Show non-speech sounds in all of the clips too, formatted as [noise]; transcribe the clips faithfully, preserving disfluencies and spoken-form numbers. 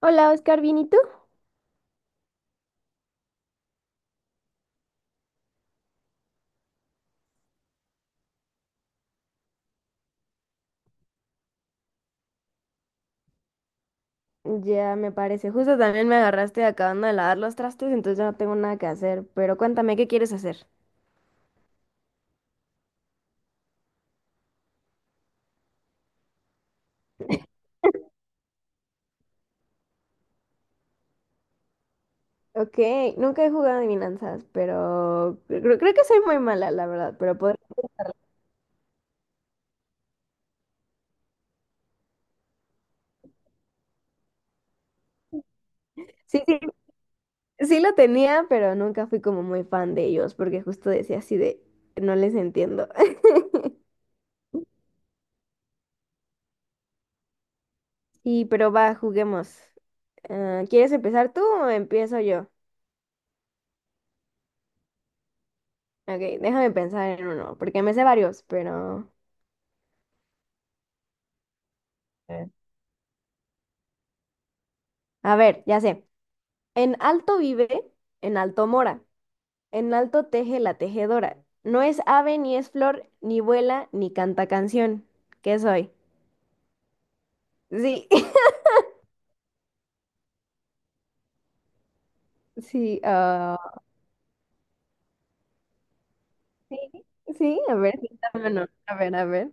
Hola, Oscar, ¿bien y tú? Ya me parece. Justo también me agarraste acabando de lavar los trastes, entonces ya no tengo nada que hacer. Pero cuéntame, ¿qué quieres hacer? Ok, nunca he jugado adivinanzas, pero creo, creo que soy muy mala, la verdad, pero pod- Sí, sí, sí lo tenía, pero nunca fui como muy fan de ellos, porque justo decía así de, no les entiendo. [laughs] Sí, pero va, juguemos. Ah, ¿quieres empezar tú o empiezo yo? Ok, déjame pensar en uno, porque me sé varios, pero... Eh. A ver, ya sé. En alto vive, en alto mora, en alto teje la tejedora. No es ave, ni es flor, ni vuela, ni canta canción. ¿Qué soy? Sí, [laughs] sí, ah, sí, sí, a ver, sí, dame uno. A ver, a ver.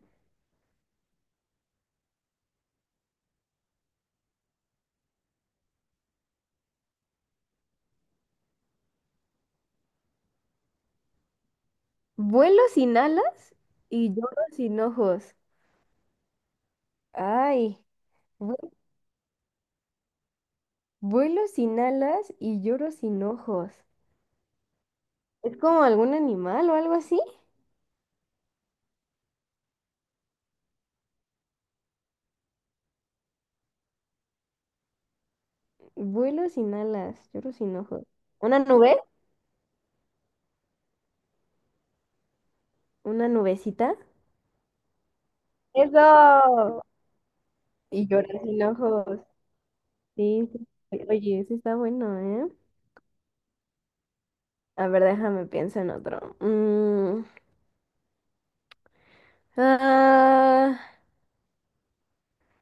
Vuelo sin alas y lloro sin ojos. Ay, vu- vuelo sin alas y lloro sin ojos. ¿Es como algún animal o algo así? Vuelo sin alas, lloro sin ojos. ¿Una nube? ¿Una nubecita? Eso. Y llorar sin ojos. Sí, sí. Oye, eso está bueno, ¿eh? A ver, déjame pienso en otro. Mm, ah,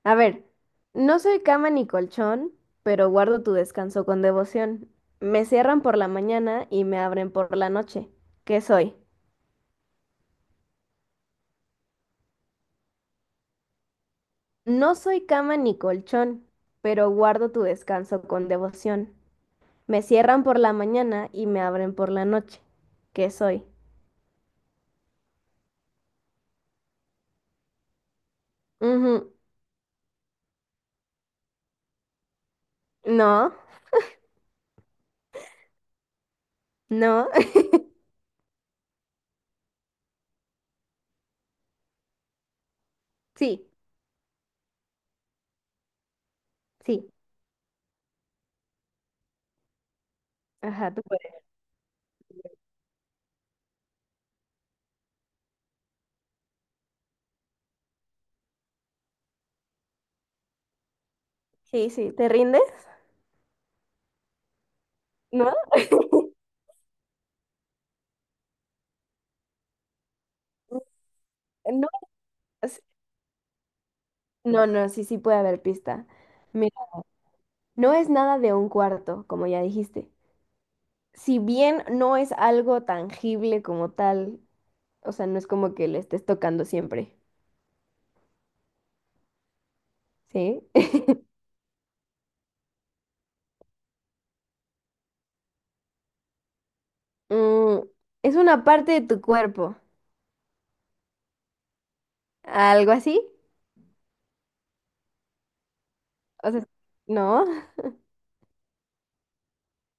a ver, no soy cama ni colchón, pero guardo tu descanso con devoción. Me cierran por la mañana y me abren por la noche. ¿Qué soy? No soy cama ni colchón, pero guardo tu descanso con devoción. Me cierran por la mañana y me abren por la noche. ¿Qué soy? Ujú, no. No, [laughs] sí, sí, ajá, tú puedes. Sí, sí, ¿te rindes? ¿No? No, es- no, no, sí, sí puede haber pista. Mira, no es nada de un cuarto, como ya dijiste. Si bien no es algo tangible como tal, o sea, no es como que le estés tocando siempre, ¿sí? [laughs] Mm, es una parte de tu cuerpo, algo así. O sea, no, [laughs]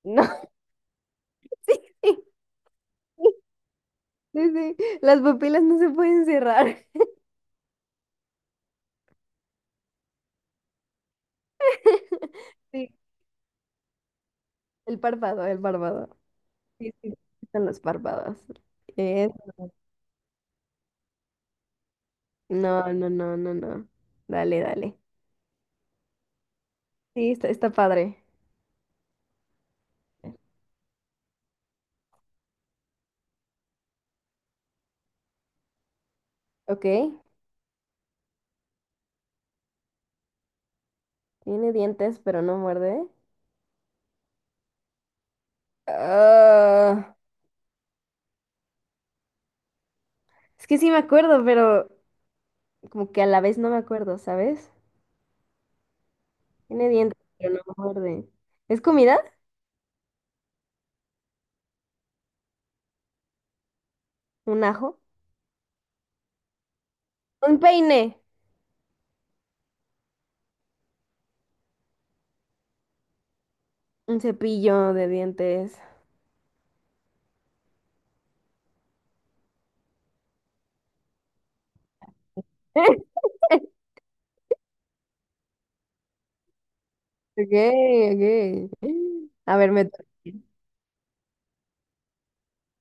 no, [laughs] sí, sí, sí, sí. Las pupilas no se pueden cerrar. [laughs] Sí, el párpado, el párpado. Sí, sí, están los párpados. Eh, no, no, no, no, no. Dale, dale. Sí, está, está padre. Ok, tiene dientes, pero no muerde. Ah, es que sí me acuerdo, pero como que a la vez no me acuerdo, ¿sabes? Tiene dientes, pero no muerde. ¿Es comida? ¿Un ajo? ¿Un peine? Un cepillo de dientes. [laughs] Ok, ok. A ver, me toca.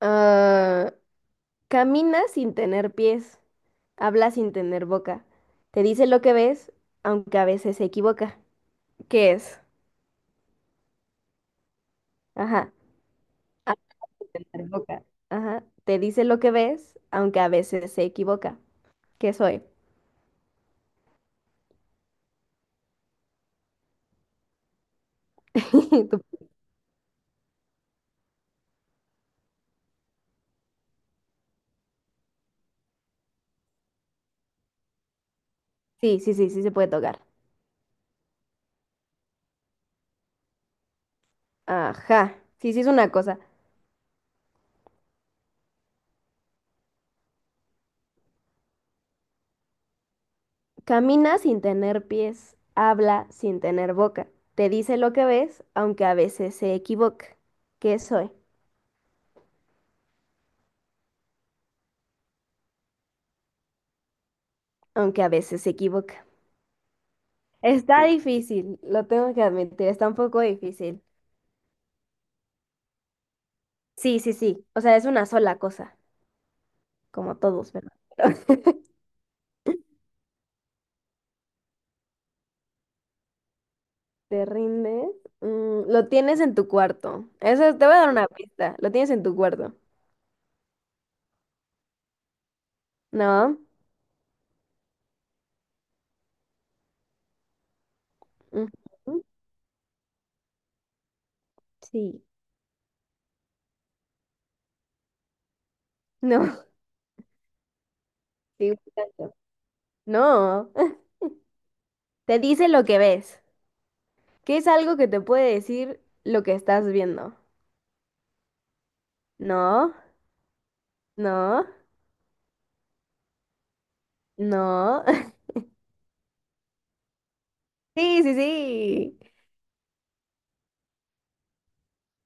Ah, camina sin tener pies, habla sin tener boca, te dice lo que ves, aunque a veces se equivoca. ¿Qué es? Ajá, habla sin tener boca. Ajá, te dice lo que ves, aunque a veces se equivoca. ¿Qué soy? [laughs] Tú- Sí, sí, sí, sí se puede tocar. Ajá, sí, sí es una cosa. Camina sin tener pies, habla sin tener boca, te dice lo que ves, aunque a veces se equivoca. ¿Qué soy? Aunque a veces se equivoca. Está difícil, lo tengo que admitir, está un poco difícil. Sí, sí, sí. O sea, es una sola cosa, como todos, ¿verdad? [laughs] ¿Te rindes? Mm, lo tienes en tu cuarto. Eso te voy a dar una pista. Lo tienes en tu cuarto. ¿No? Ujú. Sí. No. [laughs] Sí, exacto. No. [laughs] Te dice lo que ves. ¿Qué es algo que te puede decir lo que estás viendo? No. No. No. [laughs] Sí, sí, sí.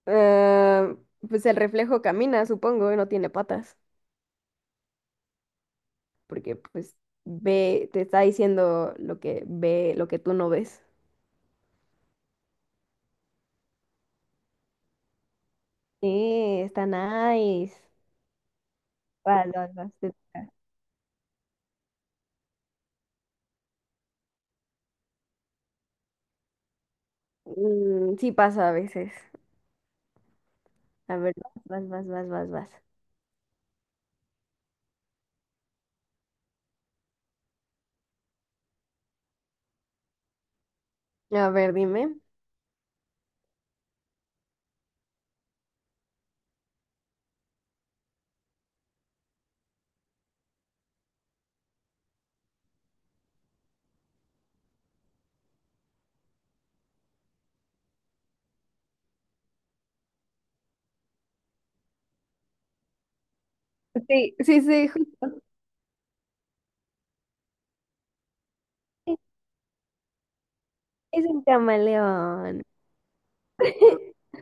Ah, pues el reflejo camina, supongo, y no tiene patas, porque pues ve, te está diciendo lo que ve, lo que tú no ves. Sí, está nice. Vas, vas, vas, te toca. Mm, sí pasa a veces. A ver, vas, vas, vas, vas, vas. A ver, dime. Sí, sí, sí, justo es un camaleón. [laughs]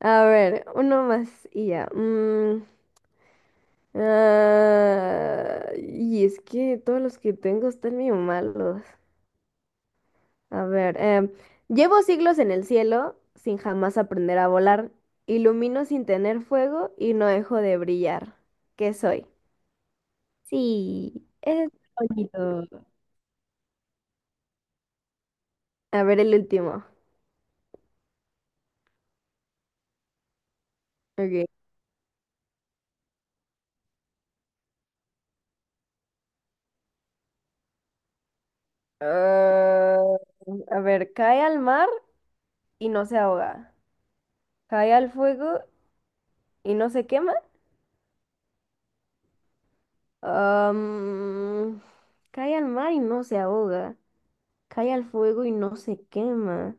A ver, uno más y ya. Mm, ah, y es que todos los que tengo están medio malos. A ver, em, llevo siglos en el cielo sin jamás aprender a volar. Ilumino sin tener fuego y no dejo de brillar. ¿Qué soy? Sí, es bonito. A ver el último. Ok. Ah, a ver, cae al mar y no se ahoga. Cae al fuego y no se quema. Am, cae al mar y no se ahoga. Cae al fuego y no se quema.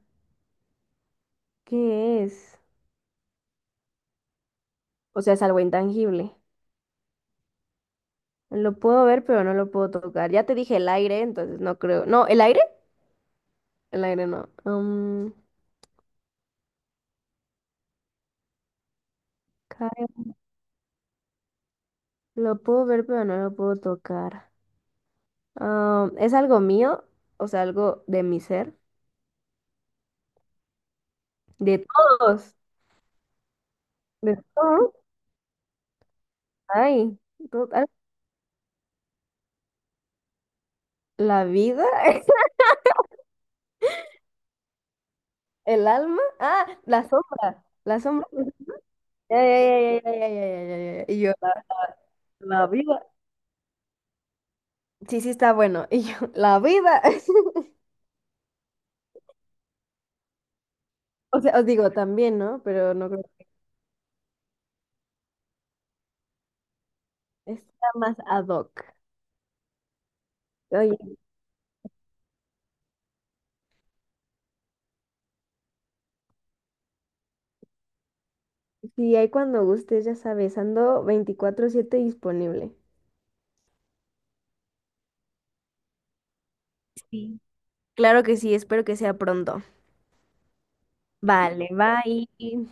¿Qué es? O sea, es algo intangible. Lo puedo ver, pero no lo puedo tocar. Ya te dije el aire, entonces no creo. No, ¿el aire? El aire no. Um, cae- lo puedo ver, pero no lo puedo tocar. Um, ¿es algo mío? O sea, algo de mi ser. De todos. De todos. Ay, total. La vida. [laughs] El alma. Ah, la sombra. La sombra. [laughs] Ya, ya, ya, ya, ya, ya, ya, ya, ya. Y yo, la, la vida. Sí, sí, está bueno. [laughs] Y yo, la vida. [laughs] O sea, os digo también, ¿no? Pero no creo. Está más ad hoc. Oye, sí, hay cuando gustes, ya sabes, ando veinticuatro siete disponible. Sí. Claro que sí, espero que sea pronto. Vale, bye.